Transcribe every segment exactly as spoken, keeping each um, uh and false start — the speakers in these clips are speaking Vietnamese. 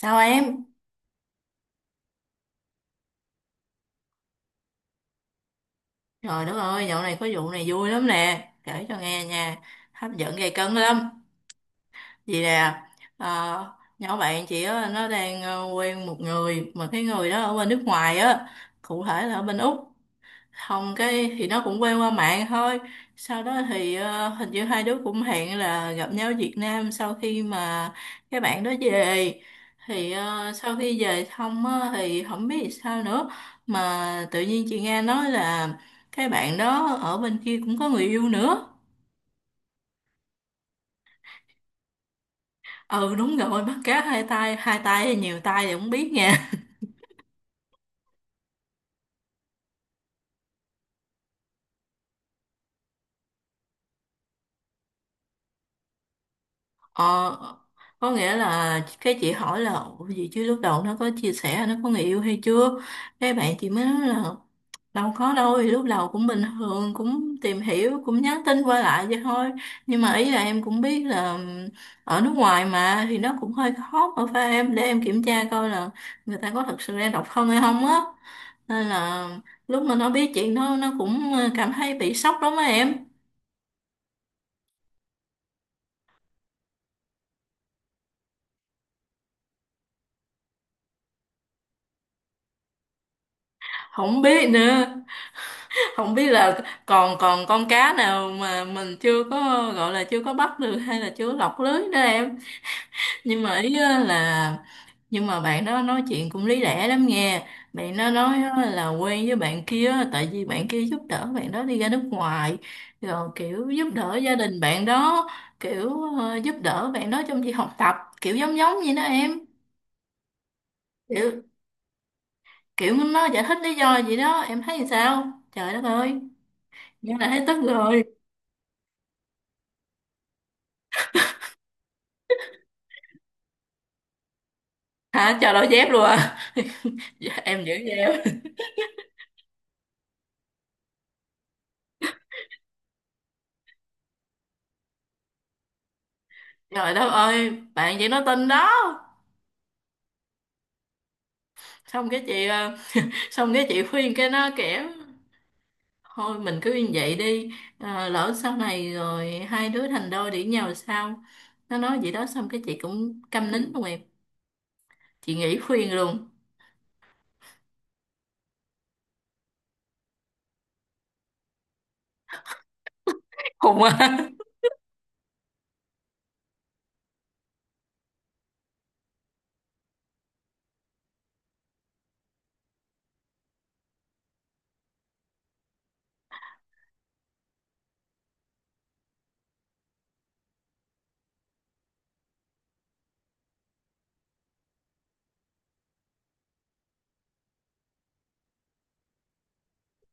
Sao em? Trời đất ơi, dạo này có vụ này vui lắm nè. Kể cho nghe nha. Hấp dẫn gay cấn lắm. Vì nè, ờ, nhỏ bạn chị á, nó đang ờ, quen một người. Mà cái người đó ở bên nước ngoài á. Cụ thể là ở bên Úc. Hồng cái thì nó cũng quen qua mạng thôi, sau đó thì ờ, hình như hai đứa cũng hẹn là gặp nhau ở Việt Nam sau khi mà cái bạn đó về. Thì ờ, sau khi về xong á, thì không biết làm sao nữa mà tự nhiên chị nghe nói là cái bạn đó ở bên kia cũng có người yêu nữa. Ừ, đúng rồi, bắt cá hai tay. Hai tay hay nhiều tay thì không biết nha. Ờ, có nghĩa là cái chị hỏi là: ủa, gì chứ lúc đầu nó có chia sẻ nó có người yêu hay chưa? Cái bạn chị mới nói là đâu có đâu, thì lúc đầu cũng bình thường, cũng tìm hiểu, cũng nhắn tin qua lại vậy thôi. Nhưng mà ý là em cũng biết là ở nước ngoài mà thì nó cũng hơi khó, mà phải em, để em kiểm tra coi là người ta có thật sự đang độc thân hay không á. Nên là lúc mà nó biết chuyện đó nó cũng ờ, cảm thấy bị sốc lắm á em. Không biết nữa, không biết là còn còn con cá nào mà mình chưa có, gọi là chưa có bắt được hay là chưa lọc lưới đó em. Nhưng mà ý á là Nhưng mà bạn đó nói chuyện cũng lý lẽ lắm nghe. Bạn nó nói á là quen với bạn kia á, tại vì bạn kia giúp đỡ bạn đó đi ra nước ngoài, rồi kiểu giúp đỡ gia đình bạn đó, kiểu ờ, giúp đỡ bạn đó trong việc học tập, kiểu giống giống vậy đó em. Kiểu kiểu nó giải thích lý do vậy đó, em thấy sao trời đất ơi. Nghe là thấy tức rồi. Hả? Chờ đổi dép luôn à? Dạ, em giữ em. Trời đất ơi, bạn chị nó tin đó. xong cái chị ờ, Xong cái chị khuyên cái nó kẻ thôi mình cứ như vậy đi. Ờ, lỡ sau này rồi hai đứa thành đôi để nhau sao. Nó nói vậy đó, xong cái chị cũng câm nín luôn em. Chị nghỉ khuyên luôn. Khùng á.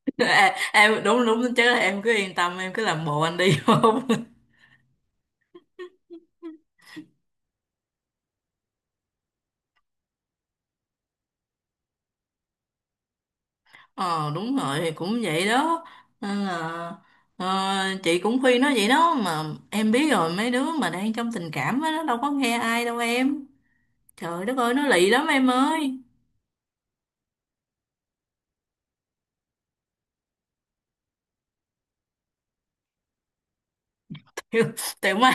À, em đúng đúng chứ, em cứ yên tâm, em cứ làm bộ anh đi. Không. Ờ đúng rồi, cũng vậy đó, nên là ờ, chị cũng khuyên nó vậy đó mà. Em biết rồi, mấy đứa mà đang trong tình cảm á nó đâu có nghe ai đâu em. Trời đất ơi, nó lì lắm em ơi. Thiệt. Tiều mấy.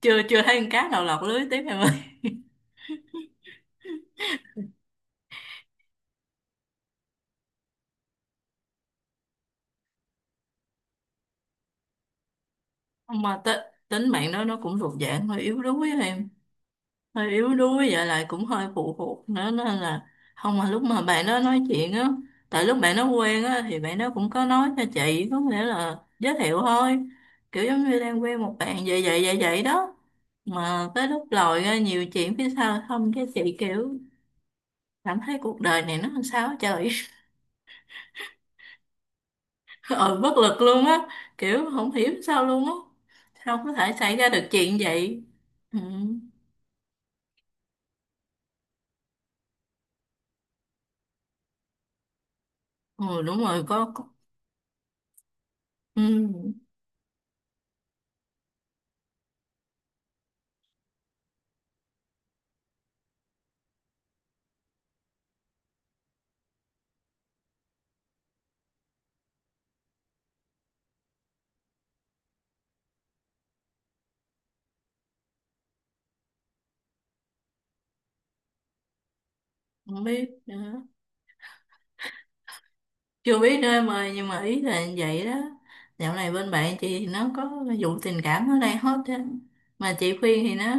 Chưa chưa thấy con cá nào lọt lưới tiếp em ơi. mà t- Tính mạng nó nó cũng thuộc dạng hơi yếu đuối á em. Hơi yếu đuối vậy lại cũng hơi phụ thuộc nữa, nên là không. Mà lúc mà bạn đó nói chuyện á, tại lúc bạn nó quen á thì bạn đó cũng có nói cho chị, có nghĩa là giới thiệu thôi, kiểu giống như đang quen một bạn vậy vậy vậy vậy đó. Mà tới lúc lòi ra nhiều chuyện phía sau, không, cái chị kiểu cảm thấy cuộc đời này nó làm sao á trời. Ờ, bất lực luôn á. Kiểu không hiểu sao luôn á. Sao có thể xảy ra được chuyện vậy. Ừ, ừ, đúng rồi, có, có. Ừ, không biết nữa. Chưa biết nữa em ơi, nhưng mà ý là như vậy đó. Dạo này bên bạn chị thì nó có vụ tình cảm nó đang hot á. Mà chị khuyên thì nó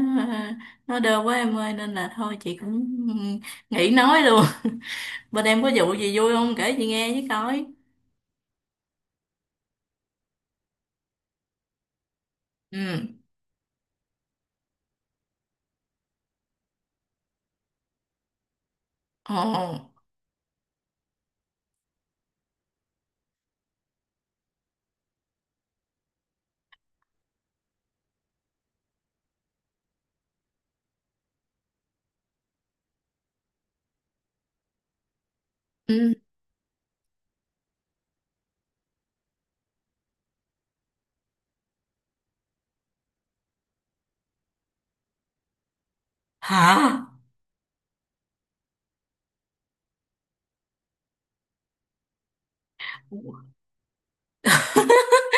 nó đơ quá em ơi, nên là thôi chị cũng nghỉ nói luôn. Bên em có vụ gì vui không, kể chị nghe với coi. Ừ. Ồ. Ừ. Hả?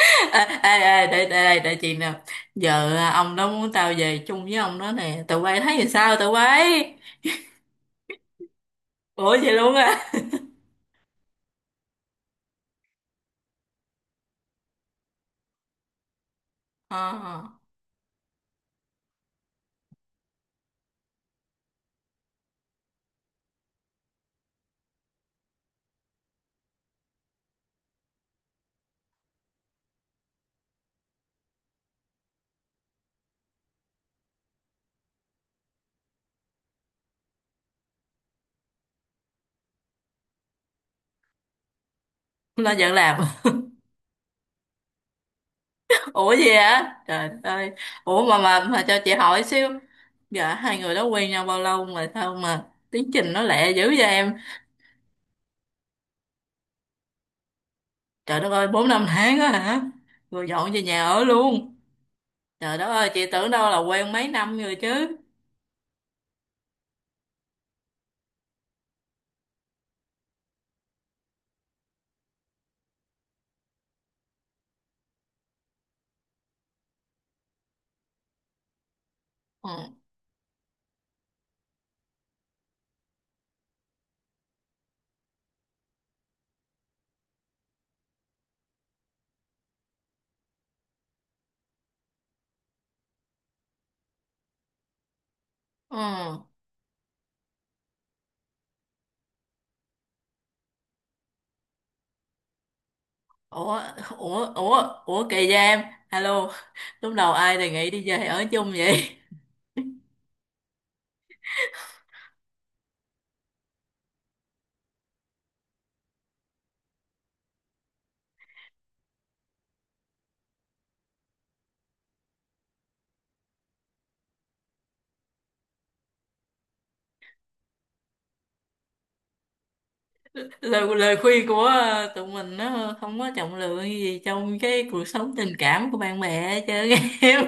ê, ê, ê, để, để, để, để chị nè. Giờ à, ông đó muốn tao về chung với ông đó nè, tụi bay thấy thì sao tụi bay? Ủa vậy luôn á? À, nó vẫn làm. Ủa gì á trời đất ơi. Ủa, mà mà mà cho chị hỏi xíu. Dạ, hai người đó quen nhau bao lâu mà sao mà tiến trình nó lẹ dữ vậy em? Trời đất ơi, bốn năm tháng á hả? Rồi dọn về nhà ở luôn? Trời đất ơi, chị tưởng đâu là quen mấy năm rồi chứ. Ừ. Ừ. ủa ủa ủa ủa kỳ vậy em. Alo. Lúc đầu ai đề nghị đi về ở chung vậy? lời lời khuyên của ờ, tụi mình nó không có trọng lượng gì trong cái cuộc sống tình cảm của bạn bè hết trơn em.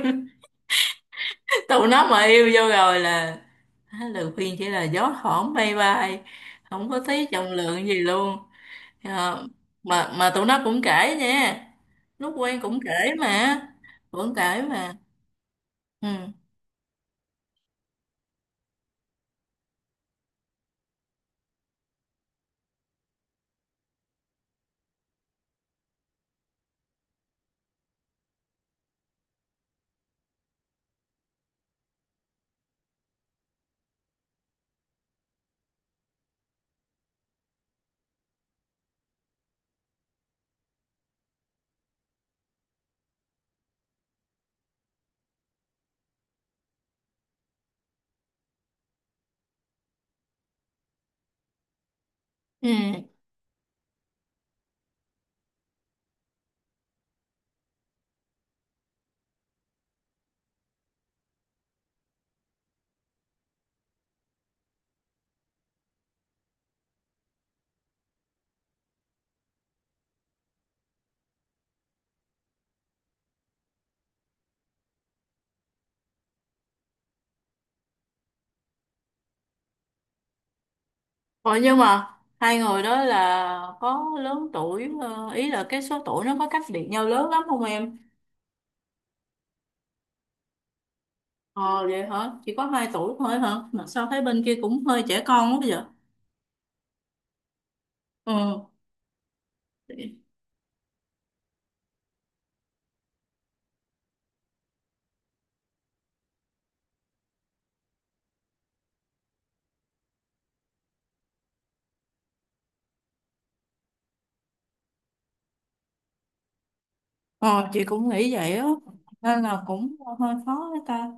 Tụi nó mà yêu vô rồi là á, lời khuyên chỉ là gió thoảng bay bay, không có thấy trọng lượng gì luôn. Ờ, mà mà tụi nó cũng kể nha, lúc quen cũng kể mà, cũng kể mà. Ừ. Ừ. Ủa nhưng mà hai người đó là có lớn tuổi, ờ, ý là cái số tuổi nó có cách biệt nhau lớn lắm không em? Ờ vậy hả? Chỉ có hai tuổi thôi hả, mà sao thấy bên kia cũng hơi trẻ con quá vậy. Ừ. Ờ, chị cũng nghĩ vậy á, nên là cũng hơi khó với ta.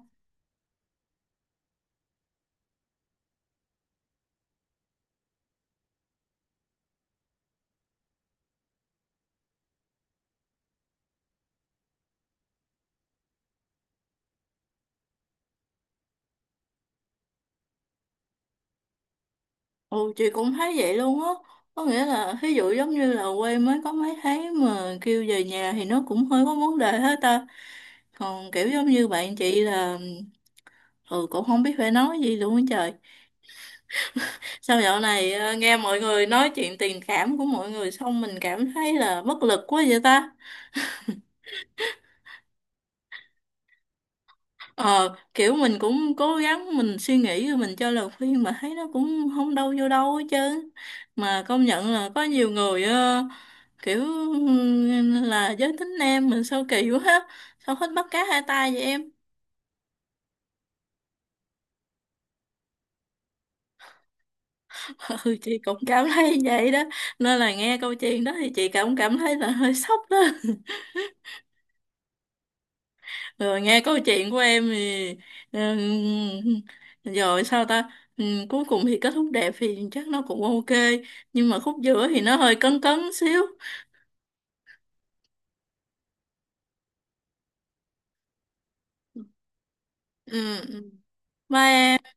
Ừ, chị cũng thấy vậy luôn á, có nghĩa là ví dụ giống như là quê mới có mấy tháng mà kêu về nhà thì nó cũng hơi có vấn đề hết ta. Còn kiểu giống như bạn chị là. Ừ, cũng không biết phải nói gì luôn á trời. Sao dạo này ờ, nghe mọi người nói chuyện tình cảm của mọi người xong mình cảm thấy là bất lực quá vậy ta? Ờ, kiểu mình cũng cố gắng, mình suy nghĩ rồi mình cho lời khuyên mà thấy nó cũng không đâu vô đâu hết trơn. Mà công nhận là có nhiều người ờ, kiểu là giới tính nam mình sao kỳ quá ha. Sao hết bắt cá hai tay vậy em? Ừ, chị cũng cảm thấy vậy đó. Nên là nghe câu chuyện đó thì chị cũng cảm thấy là hơi sốc đó. Rồi nghe câu chuyện của em thì ừm, rồi sao ta. Ừm, cuối cùng thì kết thúc đẹp thì chắc nó cũng ok, nhưng mà khúc giữa thì nó hơi cấn cấn xíu. Ừ. Ừ. Bye em.